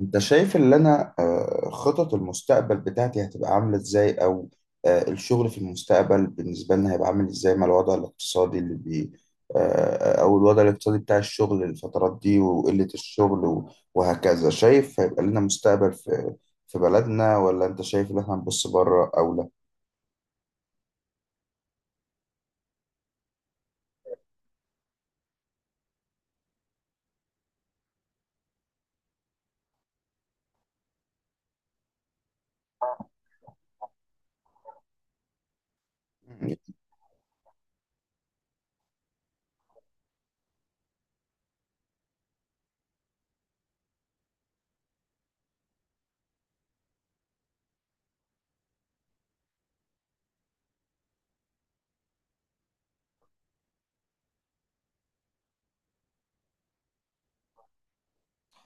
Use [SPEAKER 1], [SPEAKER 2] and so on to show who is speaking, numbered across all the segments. [SPEAKER 1] انت شايف اللي انا خطط المستقبل بتاعتي هتبقى عاملة ازاي او الشغل في المستقبل بالنسبة لنا هيبقى عامل ازاي مع الوضع الاقتصادي اللي بي آه، آه، او الوضع الاقتصادي بتاع الشغل الفترات دي وقلة الشغل وهكذا، شايف هيبقى لنا مستقبل في بلدنا ولا انت شايف ان احنا هنبص بره او لا؟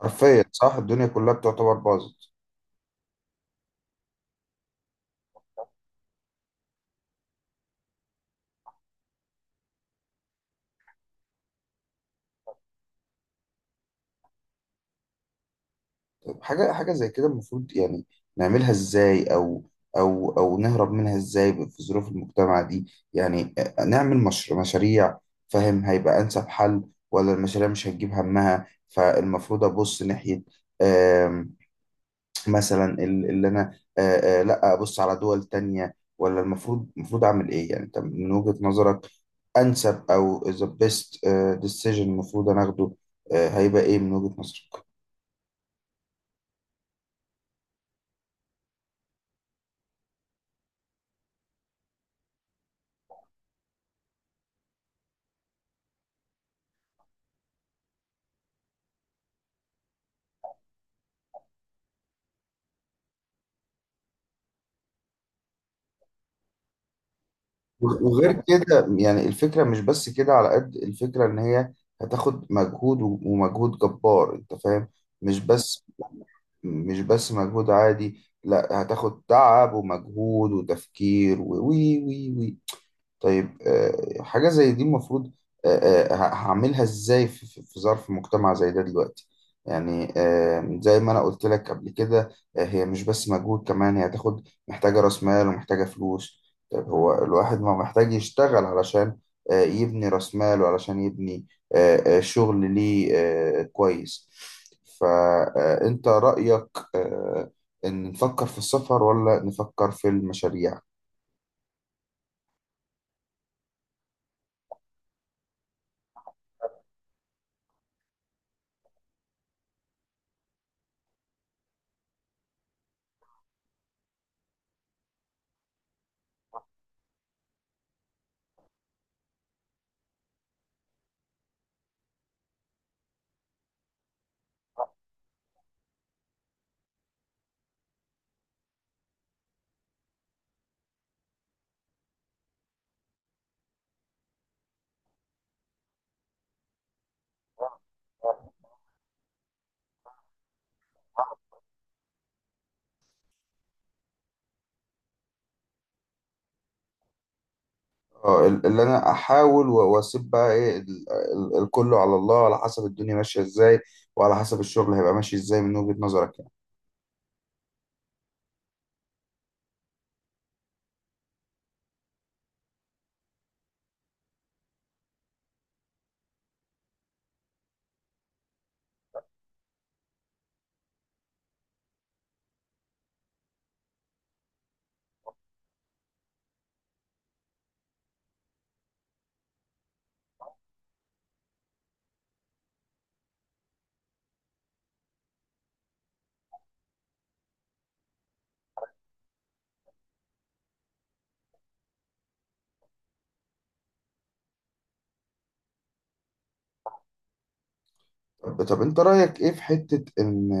[SPEAKER 1] حرفيا صح، الدنيا كلها بتعتبر باظت. حاجة زي كده المفروض يعني نعملها ازاي او نهرب منها ازاي في ظروف المجتمع دي؟ يعني نعمل مش مشاريع فاهم هيبقى انسب حل؟ ولا المشاريع مش هتجيب همها فالمفروض ابص ناحية. آم، مثلا اللي انا لا ابص على دول تانية ولا المفروض اعمل ايه يعني انت من وجهة نظرك؟ انسب او the best decision المفروض انا اخده هيبقى ايه من وجهة نظرك؟ وغير كده يعني الفكرة مش بس كده، على قد الفكرة إن هي هتاخد مجهود ومجهود جبار أنت فاهم. مش بس مش بس مجهود عادي، لا، هتاخد تعب ومجهود وتفكير و وي وي وي طيب حاجة زي دي المفروض آه، هعملها ازاي في في ظرف مجتمع زي ده دلوقتي؟ يعني زي ما انا قلت لك قبل كده، هي مش بس مجهود، كمان هي هتاخد محتاجة راس مال ومحتاجة فلوس. طيب هو الواحد ما محتاج يشتغل علشان يبني راس مال وعلشان يبني شغل ليه كويس؟ فأنت رأيك آه، إن نفكر في السفر ولا نفكر في المشاريع؟ اه، اللي انا احاول واسيب بقى ايه الكل على الله، على حسب الدنيا ماشيه ازاي وعلى حسب الشغل هيبقى ماشي ازاي من وجهة نظرك يعني؟ طب انت رايك ايه في حته ان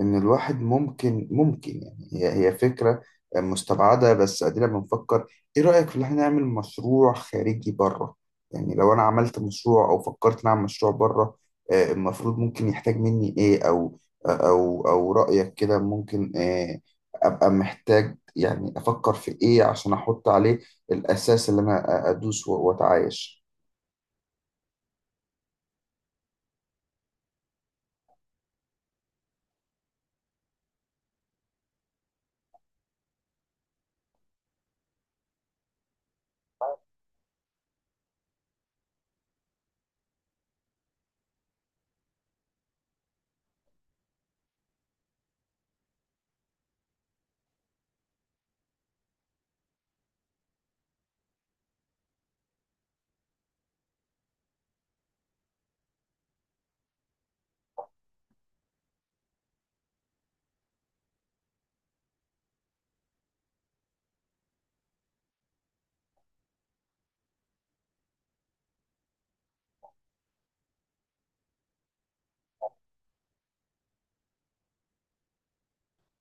[SPEAKER 1] إن الواحد ممكن يعني هي فكرة مستبعدة، بس أدينا بنفكر. إيه رأيك في إن إحنا نعمل مشروع خارجي بره؟ يعني لو أنا عملت مشروع أو فكرت نعمل مشروع بره، المفروض ممكن يحتاج مني إيه أو رأيك كده ممكن أبقى محتاج يعني أفكر في إيه عشان أحط عليه الأساس اللي أنا أدوس وأتعايش؟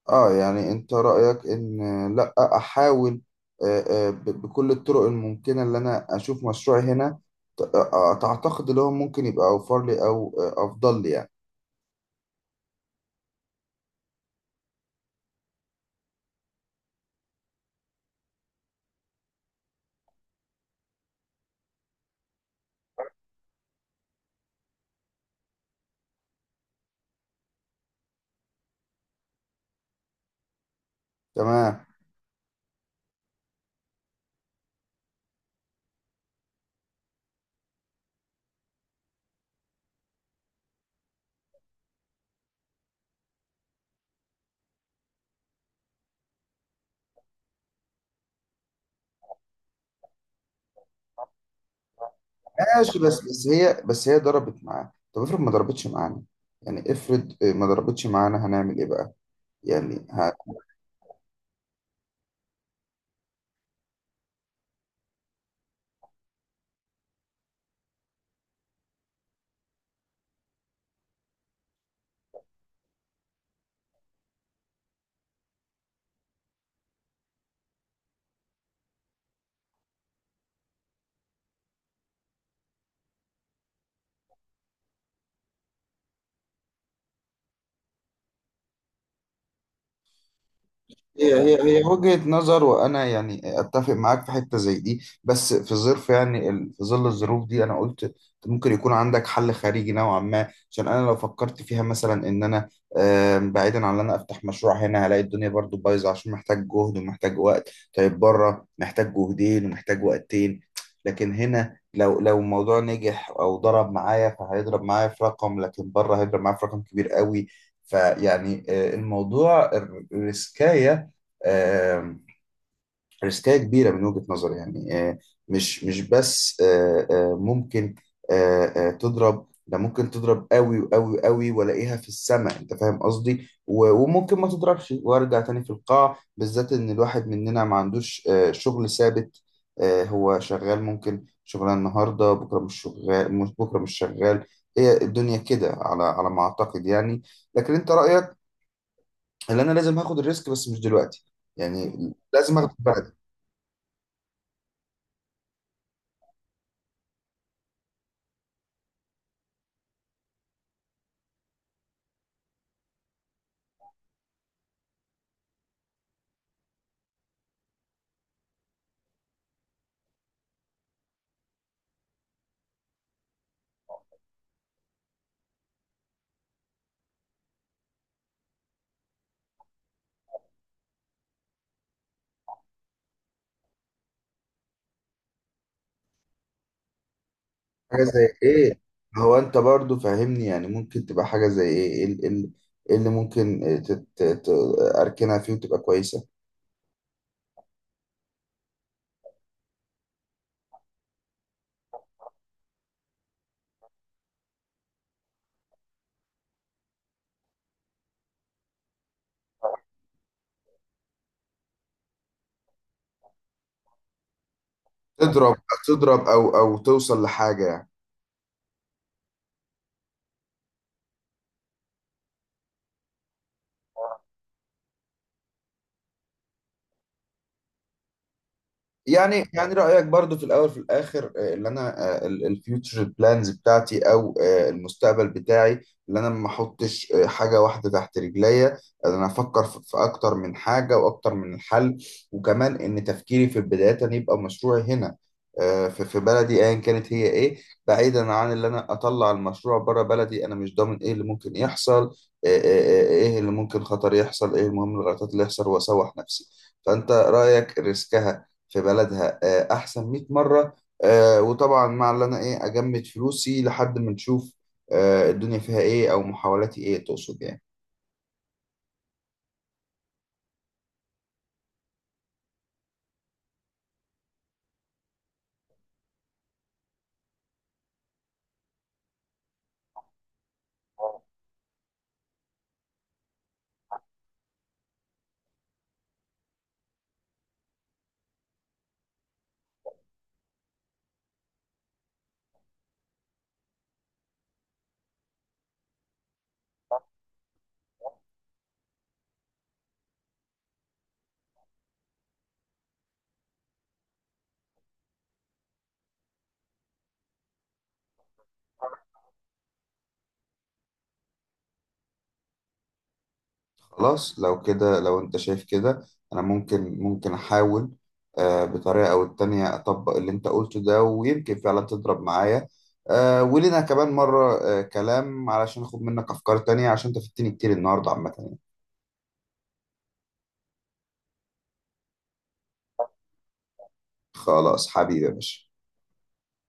[SPEAKER 1] اه، يعني انت رأيك ان لا احاول آه، بكل الطرق الممكنة اللي انا اشوف مشروعي هنا تعتقد اللي هو ممكن يبقى اوفر لي او افضل لي يعني؟ تمام. ماشي، بس هي ضربت معاه. طب افرض ما ضربتش معانا، يعني افرض ما ضربتش معانا هنعمل ايه بقى يعني؟ هي وجهة نظر، وانا يعني اتفق معاك في حتة زي دي، بس في ظرف يعني في ظل الظروف دي انا قلت أنت ممكن يكون عندك حل خارجي نوعا ما، عشان انا لو فكرت فيها مثلا ان انا بعيدا عن ان انا افتح مشروع هنا هلاقي الدنيا برضو بايظة عشان محتاج جهد ومحتاج وقت. طيب بره محتاج جهدين ومحتاج وقتين. لكن هنا لو الموضوع نجح او ضرب معايا فهيضرب معايا في رقم، لكن بره هيضرب معايا في رقم كبير قوي. فيعني الموضوع الريسكاية آه، ريسكية كبيرة من وجهة نظري يعني مش بس ممكن تضرب، ده ممكن تضرب قوي وقوي قوي والاقيها في السماء انت فاهم قصدي، وممكن ما تضربش وارجع تاني في القاع، بالذات ان الواحد مننا ما عندوش شغل ثابت. هو شغال، ممكن شغلانة النهاردة بكرة مش شغال، مش بكرة مش شغال. هي الدنيا كده على ما اعتقد يعني. لكن انت رأيك ان انا لازم هاخد الريسك بس مش دلوقتي، يعني لازم اخد بعد. حاجة زي ايه؟ هو انت برضو فاهمني، يعني ممكن تبقى حاجة زي ايه؟ إيه اللي ممكن تت- ت- اركنها فيه وتبقى كويسة؟ تضرب، تضرب او توصل لحاجة يعني. يعني رأيك برضو في الأول في الآخر اللي أنا الفيوتشر بلانز بتاعتي أو المستقبل بتاعي، اللي أنا ما أحطش حاجة واحدة تحت رجليا، أنا أفكر في أكتر من حاجة وأكتر من الحل، وكمان إن تفكيري في البداية أن يبقى مشروعي هنا في بلدي أيا كانت هي إيه، بعيدا عن اللي أنا أطلع المشروع بره بلدي، أنا مش ضامن إيه اللي ممكن يحصل، إيه اللي ممكن خطر يحصل، إيه المهم الغلطات اللي يحصل وأسوح نفسي. فأنت رأيك ريسكها في بلدها احسن 100 مره. وطبعا مع اللي انا ايه اجمد فلوسي لحد ما نشوف الدنيا فيها ايه او محاولاتي ايه تقصد يعني. خلاص، لو كده، لو انت شايف كده انا ممكن احاول بطريقه او التانية اطبق اللي انت قلته ده ويمكن فعلا تضرب معايا، ولنا كمان مره كلام علشان اخد منك افكار تانية، عشان انت فدتني كتير النهارده عامه يعني. خلاص حبيبي يا باشا.